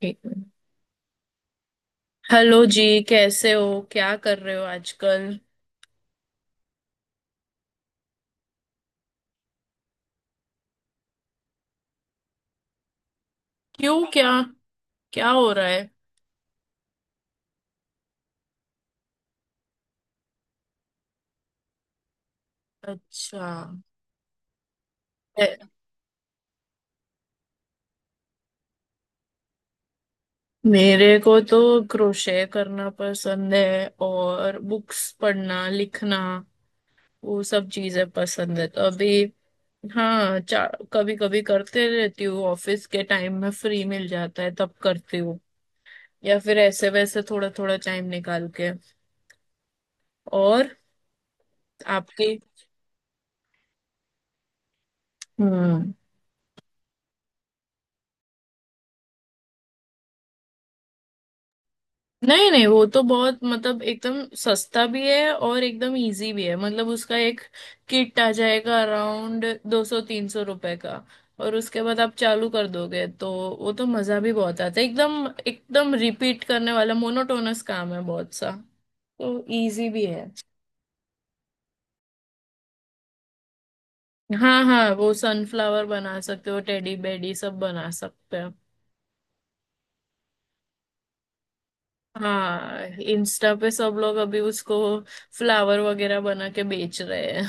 ठीक है। हेलो जी, कैसे हो? क्या कर रहे हो आजकल? क्यों? क्या? क्या हो रहा है? अच्छा। ए- मेरे को तो क्रोशे करना पसंद है, और बुक्स पढ़ना, लिखना वो सब चीजें पसंद है। तो अभी हाँ कभी कभी करते रहती हूँ। ऑफिस के टाइम में फ्री मिल जाता है तब करती हूँ, या फिर ऐसे वैसे थोड़ा थोड़ा टाइम निकाल के। और आपकी? हम्म। नहीं नहीं, वो तो बहुत मतलब एकदम सस्ता भी है और एकदम इजी भी है। मतलब उसका एक किट आ जाएगा अराउंड 200-300 रुपए का। और उसके बाद आप चालू कर दोगे तो वो तो मजा भी बहुत आता है। एकदम एकदम रिपीट करने वाला मोनोटोनस काम है बहुत सा, तो इजी भी है। हाँ हाँ, वो सनफ्लावर बना सकते हो, टेडी बेडी सब बना सकते हो। हाँ, इंस्टा पे सब लोग अभी उसको फ्लावर वगैरह बना के बेच रहे।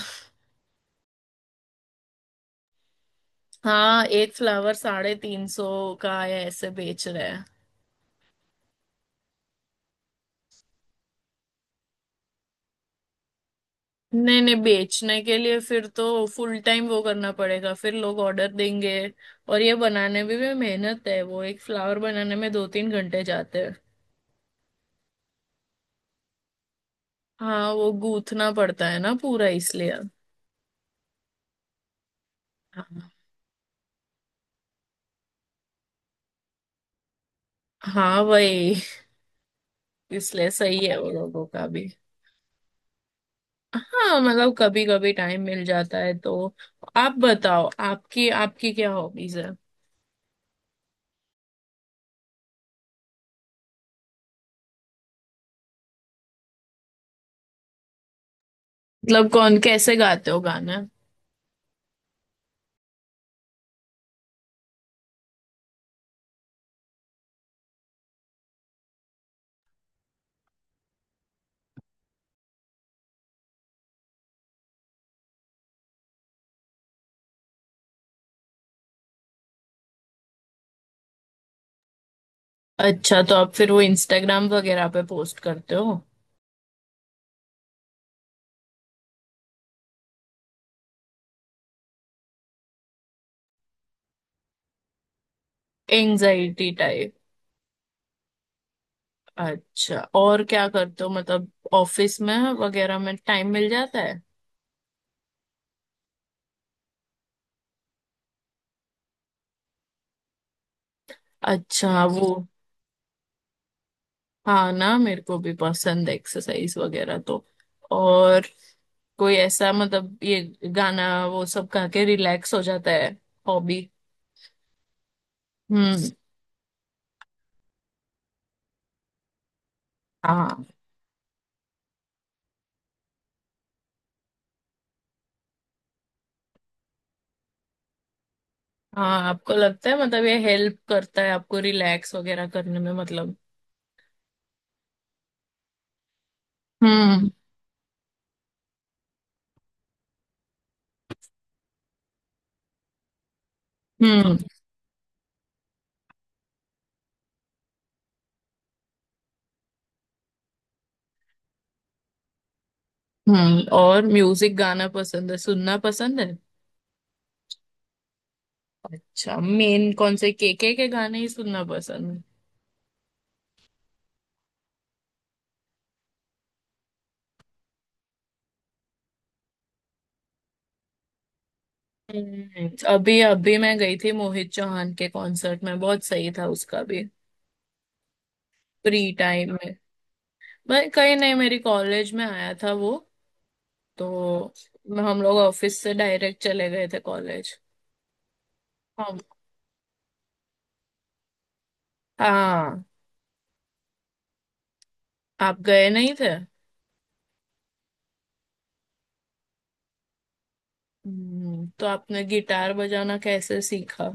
हाँ, एक फ्लावर 350 का है, ऐसे बेच रहे हैं। नहीं नहीं, बेचने के लिए फिर तो फुल टाइम वो करना पड़ेगा, फिर लोग ऑर्डर देंगे। और ये बनाने में भी मेहनत है, वो एक फ्लावर बनाने में 2-3 घंटे जाते हैं। हाँ, वो गूंथना पड़ता है ना पूरा, इसलिए। हाँ हाँ वही, इसलिए सही है वो लोगों का भी। हाँ, मतलब कभी कभी टाइम मिल जाता है तो। आप बताओ, आपकी आपकी क्या हॉबीज है? मतलब कौन कैसे गाते हो गाना? अच्छा, तो आप फिर वो इंस्टाग्राम वगैरह पे पोस्ट करते हो? Anxiety type. अच्छा, और क्या करते हो? मतलब ऑफिस में वगैरह में टाइम मिल जाता है? अच्छा वो। हाँ ना, मेरे को भी पसंद है एक्सरसाइज वगैरह। तो और कोई ऐसा मतलब ये गाना वो सब गा के रिलैक्स हो जाता है? हॉबी? हम्म। हाँ हाँ, आपको लगता है मतलब ये हेल्प करता है आपको रिलैक्स वगैरह करने में, मतलब? हम्म। हम्म। हम्म। और म्यूजिक, गाना पसंद है? सुनना पसंद है? अच्छा, मेन कौन से केके के गाने ही सुनना पसंद है? अभी अभी मैं गई थी मोहित चौहान के कॉन्सर्ट में, बहुत सही था उसका भी। फ्री टाइम में मैं कहीं नहीं, मेरी कॉलेज में आया था वो। तो हम लोग ऑफिस से डायरेक्ट चले गए थे कॉलेज। हम। हाँ। आप गए नहीं थे? तो आपने गिटार बजाना कैसे सीखा?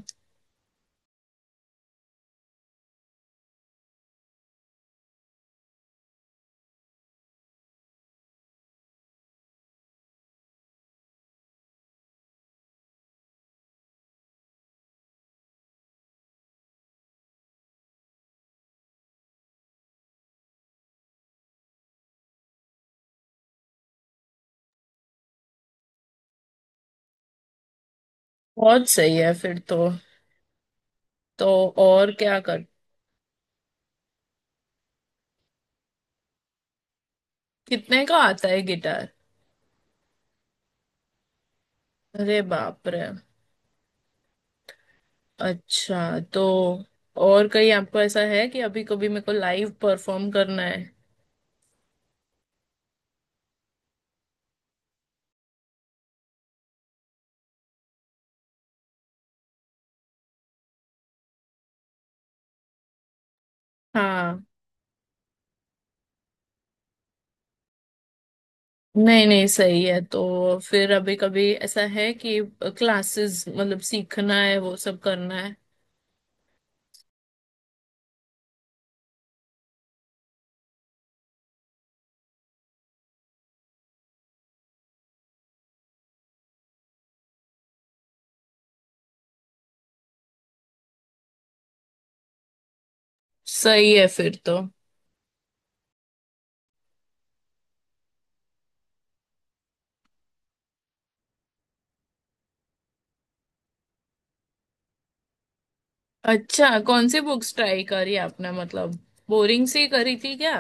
बहुत सही है फिर तो। तो और क्या कर। कितने का आता है गिटार? अरे बाप रे। अच्छा, तो और कहीं आपको ऐसा है कि अभी कभी मेरे को लाइव परफॉर्म करना है? हाँ। नहीं नहीं, सही है। तो फिर अभी कभी ऐसा है कि क्लासेस, मतलब सीखना है, वो सब करना है? सही है फिर तो। अच्छा, कौन सी बुक्स ट्राई करी आपने? मतलब बोरिंग सी करी थी क्या?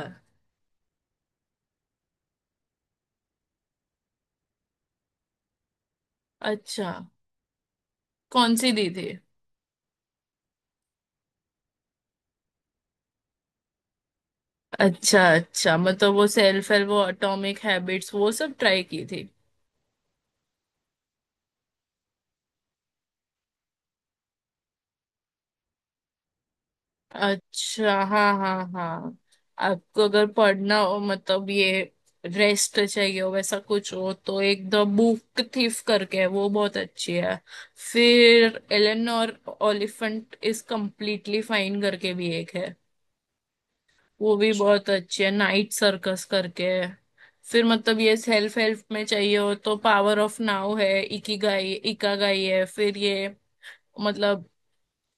अच्छा, कौन सी दी थी? अच्छा अच्छा, मतलब वो सेल्फ हेल्प, वो एटॉमिक हैबिट्स, वो सब ट्राई की थी? अच्छा हाँ हाँ हाँ। आपको अगर पढ़ना हो, मतलब ये रेस्ट चाहिए हो वैसा कुछ हो, तो एक द बुक थीफ करके है, वो बहुत अच्छी है। फिर एलन और ओलिफेंट इज कम्प्लीटली फाइन करके भी एक है, वो भी बहुत अच्छी है। नाइट सर्कस करके है। फिर मतलब ये सेल्फ हेल्प में चाहिए हो तो पावर ऑफ नाउ है, इकिगाई, इकागाई है। फिर ये मतलब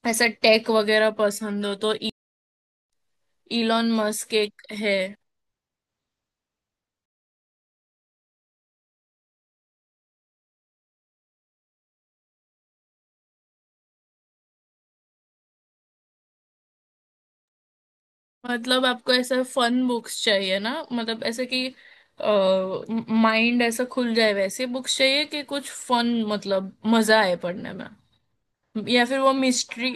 ऐसा टेक वगैरह पसंद हो तो इलॉन मस्क एक है। मतलब आपको ऐसा फन बुक्स चाहिए ना, मतलब ऐसे कि माइंड ऐसा खुल जाए, वैसे बुक्स चाहिए कि कुछ फन, मतलब मजा आए पढ़ने में। या फिर वो मिस्ट्री,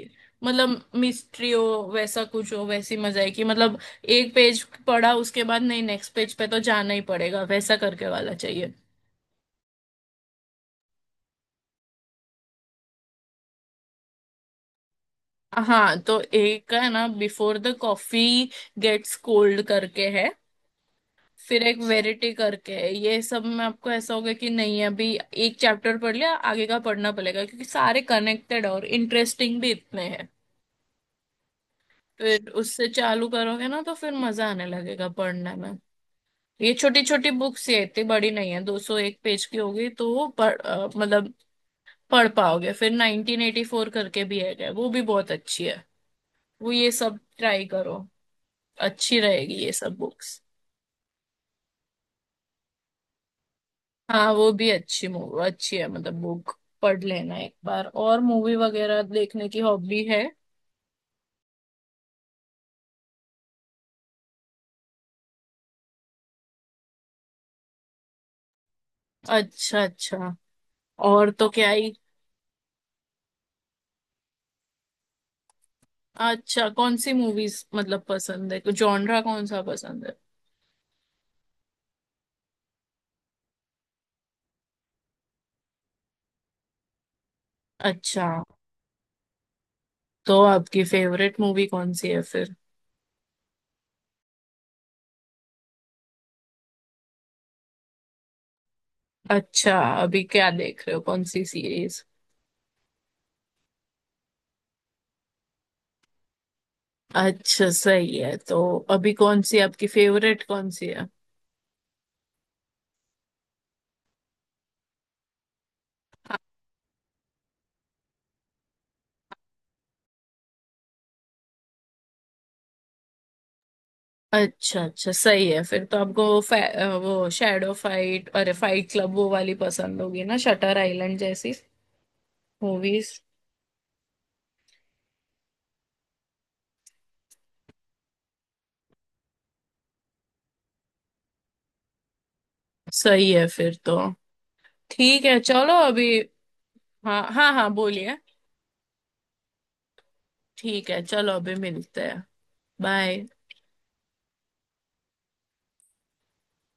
मतलब मिस्ट्री हो वैसा कुछ हो, वैसी मजा आए कि मतलब एक पेज पढ़ा उसके बाद नहीं, नेक्स्ट पेज पे तो जाना ही पड़ेगा, वैसा करके वाला चाहिए। हाँ, तो एक है ना before the coffee gets cold करके है। फिर एक वेरिटी करके है। ये सब में आपको ऐसा होगा कि नहीं, अभी एक चैप्टर पढ़ लिया, आगे का पढ़ना पड़ेगा, क्योंकि सारे कनेक्टेड और इंटरेस्टिंग भी इतने हैं। फिर उससे चालू करोगे ना, तो फिर मजा आने लगेगा पढ़ने में। ये छोटी छोटी बुक्स ये इतनी बड़ी नहीं है, दो सौ एक पेज की होगी, तो वो मतलब पढ़ पाओगे। फिर 1984 करके भी है, वो भी बहुत अच्छी है। वो ये सब ट्राई करो, अच्छी रहेगी ये सब बुक्स। हाँ, वो भी अच्छी, मूवी अच्छी है, मतलब बुक पढ़ लेना एक बार। और मूवी वगैरह देखने की हॉबी है? अच्छा अच्छा। और तो क्या ही। अच्छा, कौन सी मूवीज मतलब पसंद है? जॉनरा कौन सा पसंद है? अच्छा। तो आपकी फेवरेट मूवी कौन सी है फिर? अच्छा, अभी क्या देख रहे हो? कौन सी सीरीज? अच्छा सही है तो। अभी कौन सी आपकी फेवरेट कौन सी है? अच्छा अच्छा, सही है फिर तो। आपको वो शैडो फाइट, अरे फाइट क्लब वो वाली पसंद होगी ना, शटर आइलैंड जैसी मूवीज? सही है फिर तो। ठीक है, चलो अभी। हाँ हाँ हाँ, बोलिए। ठीक है, चलो अभी मिलते हैं। बाय।